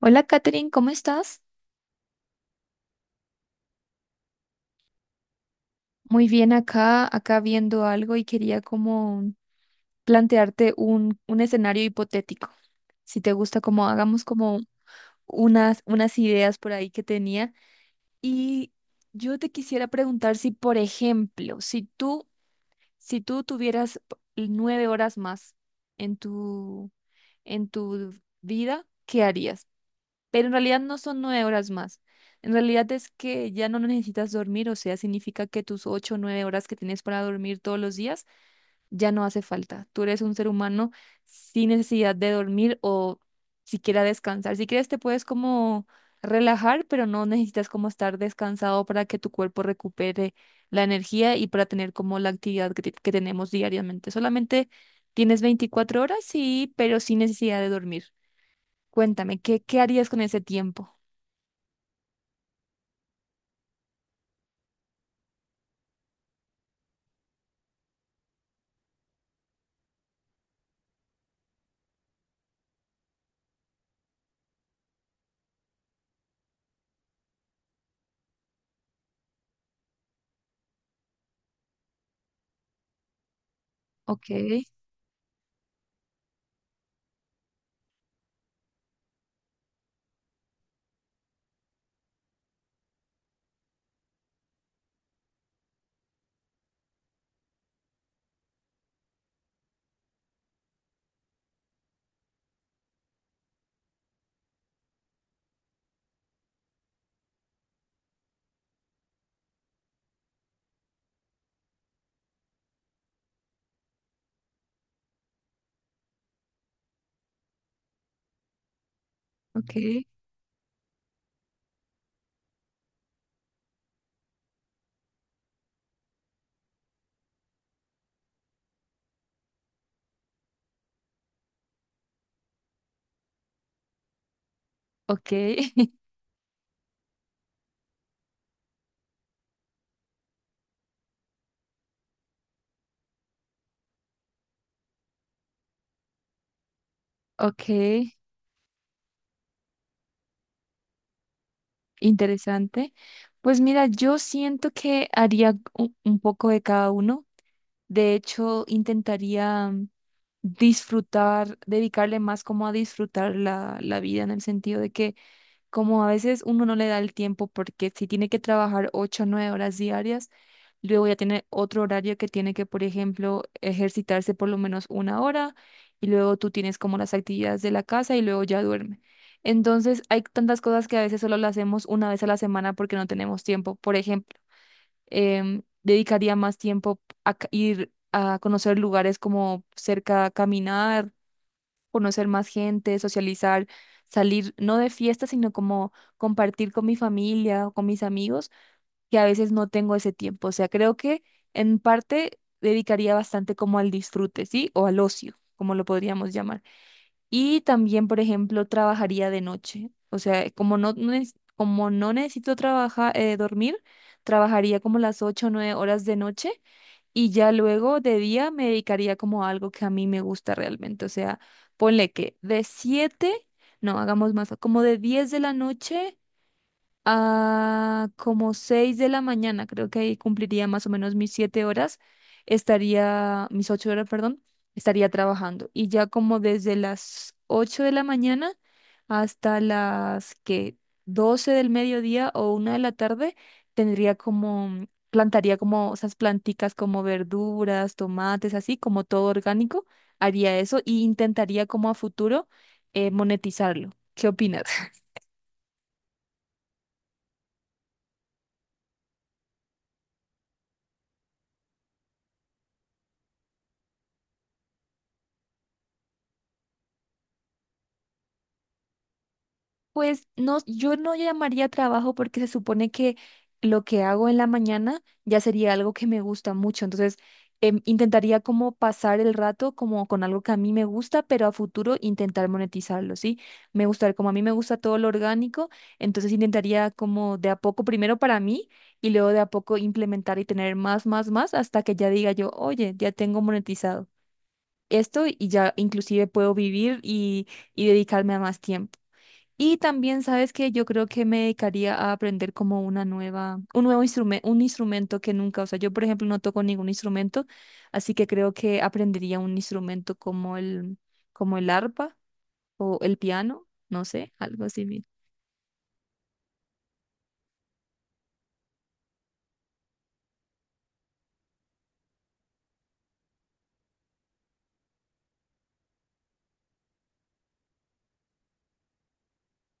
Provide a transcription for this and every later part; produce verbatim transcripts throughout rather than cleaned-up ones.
Hola, Katherine, ¿cómo estás? Muy bien acá, acá viendo algo y quería como plantearte un, un escenario hipotético. Si te gusta, como hagamos como unas, unas ideas por ahí que tenía. Y yo te quisiera preguntar si, por ejemplo, si tú, si tú tuvieras p- nueve horas más en tu, en tu vida, ¿qué harías? Pero en realidad no son nueve horas más. En realidad es que ya no necesitas dormir, o sea, significa que tus ocho o nueve horas que tienes para dormir todos los días ya no hace falta. Tú eres un ser humano sin necesidad de dormir o siquiera descansar. Si quieres te puedes como relajar, pero no necesitas como estar descansado para que tu cuerpo recupere la energía y para tener como la actividad que, te- que tenemos diariamente. Solamente tienes veinticuatro horas, sí, pero sin necesidad de dormir. Cuéntame, ¿qué, qué harías con ese tiempo? Ok, ok, ok, ok, interesante. Pues mira, yo siento que haría u- un poco de cada uno. De hecho, intentaría mm, disfrutar, dedicarle más como a disfrutar la, la vida en el sentido de que como a veces uno no le da el tiempo porque si tiene que trabajar ocho o nueve horas diarias, luego ya tiene otro horario que tiene que, por ejemplo, ejercitarse por lo menos una hora y luego tú tienes como las actividades de la casa y luego ya duerme. Entonces hay tantas cosas que a veces solo las hacemos una vez a la semana porque no tenemos tiempo. Por ejemplo, em, dedicaría más tiempo a ca- ir a conocer lugares como cerca, caminar conocer más gente, socializar, salir, no de fiesta, sino como compartir con mi familia o con mis amigos, que a veces no tengo ese tiempo. O sea, creo que en parte dedicaría bastante como al disfrute, ¿sí? O al ocio, como lo podríamos llamar. Y también, por ejemplo, trabajaría de noche. O sea, como no, no neces- como no necesito trabajar, dormir, trabajaría como las ocho o nueve horas de noche y ya luego de día me dedicaría como a algo que a mí me gusta realmente. O sea, ponle que de siete no hagamos más, como de diez de la noche a como seis de la mañana, creo que ahí cumpliría más o menos mis siete horas, estaría, mis ocho horas, perdón, estaría trabajando. Y ya como desde las ocho de la mañana hasta las que doce del mediodía o una de la tarde, tendría como, plantaría como esas planticas como verduras, tomates, así como todo orgánico, haría eso y intentaría como a futuro eh, monetizarlo. ¿Qué opinas? Pues no, yo no llamaría trabajo porque se supone que lo que hago en la mañana ya sería algo que me gusta mucho. Entonces, em, intentaría como pasar el rato como con algo que a mí me gusta, pero a futuro intentar monetizarlo, ¿sí? Me gusta, como a mí me gusta todo lo orgánico, entonces intentaría como de a poco, primero para mí y luego de a poco implementar y tener más, más, más hasta que ya diga yo, oye, ya tengo monetizado esto y ya inclusive puedo vivir y, y dedicarme a más tiempo. Y también, ¿sabes que yo creo que me dedicaría a aprender como una nueva, un nuevo instrumento, un instrumento que nunca, o sea, yo por ejemplo no toco ningún instrumento, así que creo que aprendería un instrumento como el, como el arpa o el piano, no sé, algo así.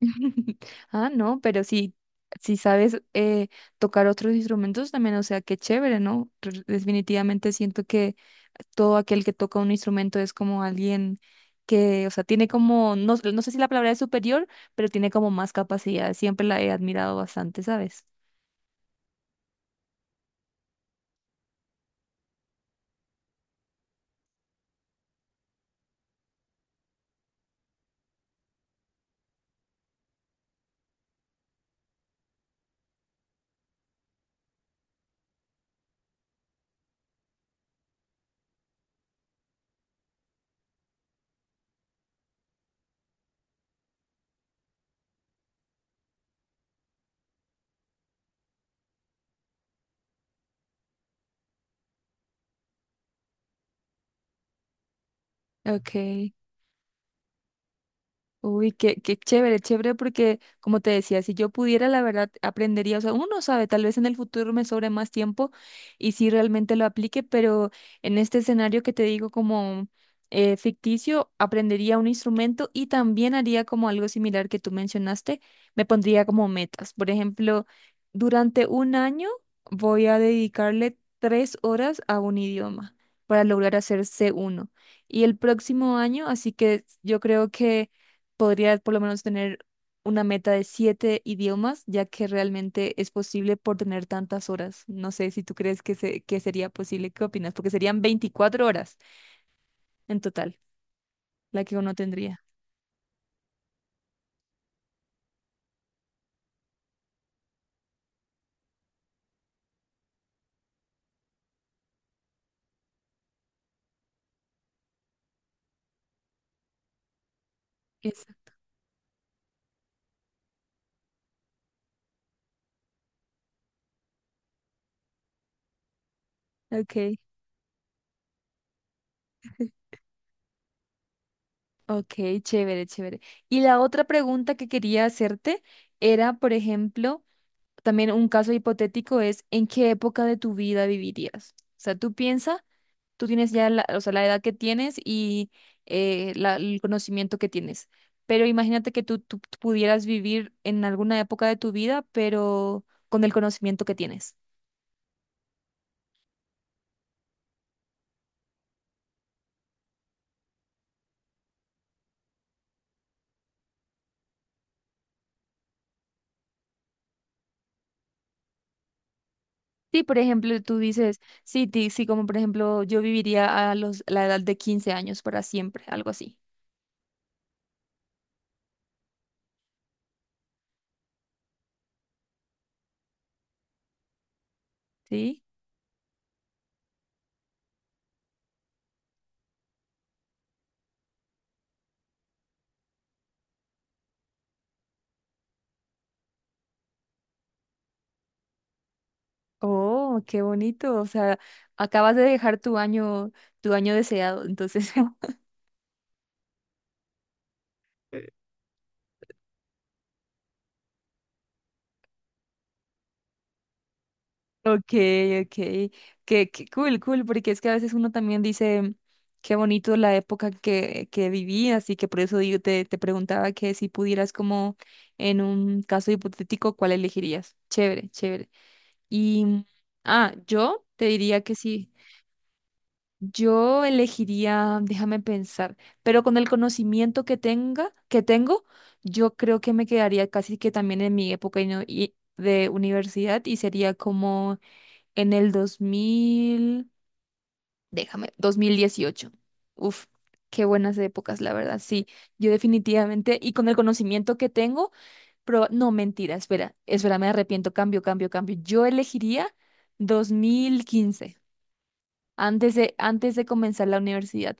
Ah, no, pero si, si sabes eh, tocar otros instrumentos también, o sea, qué chévere, ¿no? Re- Definitivamente siento que todo aquel que toca un instrumento es como alguien que, o sea, tiene como, no, no sé si la palabra es superior, pero tiene como más capacidad. Siempre la he admirado bastante, ¿sabes? Ok. Uy, qué, qué chévere, chévere, porque como te decía, si yo pudiera, la verdad, aprendería, o sea, uno no sabe, tal vez en el futuro me sobre más tiempo y si realmente lo aplique, pero en este escenario que te digo como eh, ficticio, aprendería un instrumento y también haría como algo similar que tú mencionaste, me pondría como metas. Por ejemplo, durante un año voy a dedicarle tres horas a un idioma para lograr hacer c uno y el próximo año, así que yo creo que podría por lo menos tener una meta de siete idiomas, ya que realmente es posible por tener tantas horas. No sé si tú crees que, se- que sería posible, ¿qué opinas? Porque serían veinticuatro horas en total, la que uno tendría. Eso. Ok, ok, chévere, chévere. Y la otra pregunta que quería hacerte era, por ejemplo, también un caso hipotético es, ¿en qué época de tu vida vivirías? O sea, tú piensas tú tienes ya la, o sea, la edad que tienes y eh, la- el conocimiento que tienes. Pero imagínate que tú, tú pudieras vivir en alguna época de tu vida, pero con el conocimiento que tienes. Sí, por ejemplo, tú dices, sí, ti- sí, como por ejemplo, yo viviría a los, la edad de quince años para siempre, algo así, ¿sí? Oh, qué bonito, o sea, acabas de dejar tu año, tu año deseado, entonces. Ok, ok, qué, qué cool, cool, porque es que a veces uno también dice qué bonito la época que, que viví, así que por eso digo, te, te preguntaba que si pudieras como en un caso hipotético, ¿cuál elegirías? Chévere, chévere. Y, mm, ah, yo te diría que sí, yo elegiría, déjame pensar, pero con el conocimiento que tenga, que tengo, yo creo que me quedaría casi que también en mi época y no- y de universidad y sería como en el dos mil déjame, dos mil dieciocho. Uf, qué buenas épocas, la verdad. Sí, yo definitivamente, y con el conocimiento que tengo, pero no, mentira, espera, espera, me arrepiento, cambio, cambio, cambio. Yo elegiría dos mil quince antes de, antes de comenzar la universidad.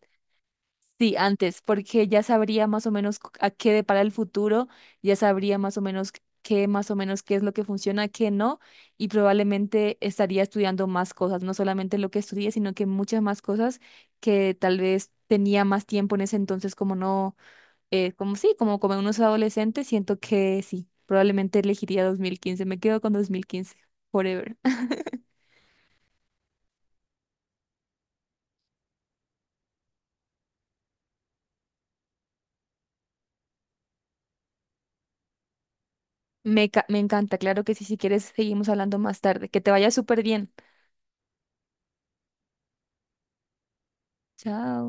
Sí, antes, porque ya sabría más o menos cu- a qué depara el futuro, ya sabría más o menos qué, más o menos qué es lo que funciona, qué no, y probablemente estaría estudiando más cosas, no solamente lo que estudié, sino que muchas más cosas que tal vez tenía más tiempo en ese entonces, como no, eh, como sí, como como unos adolescentes, siento que sí, probablemente elegiría dos mil quince, me quedo con dos mil quince, forever. Me, ca- me encanta, claro que sí, si quieres seguimos hablando más tarde, que te vaya súper bien. Chao.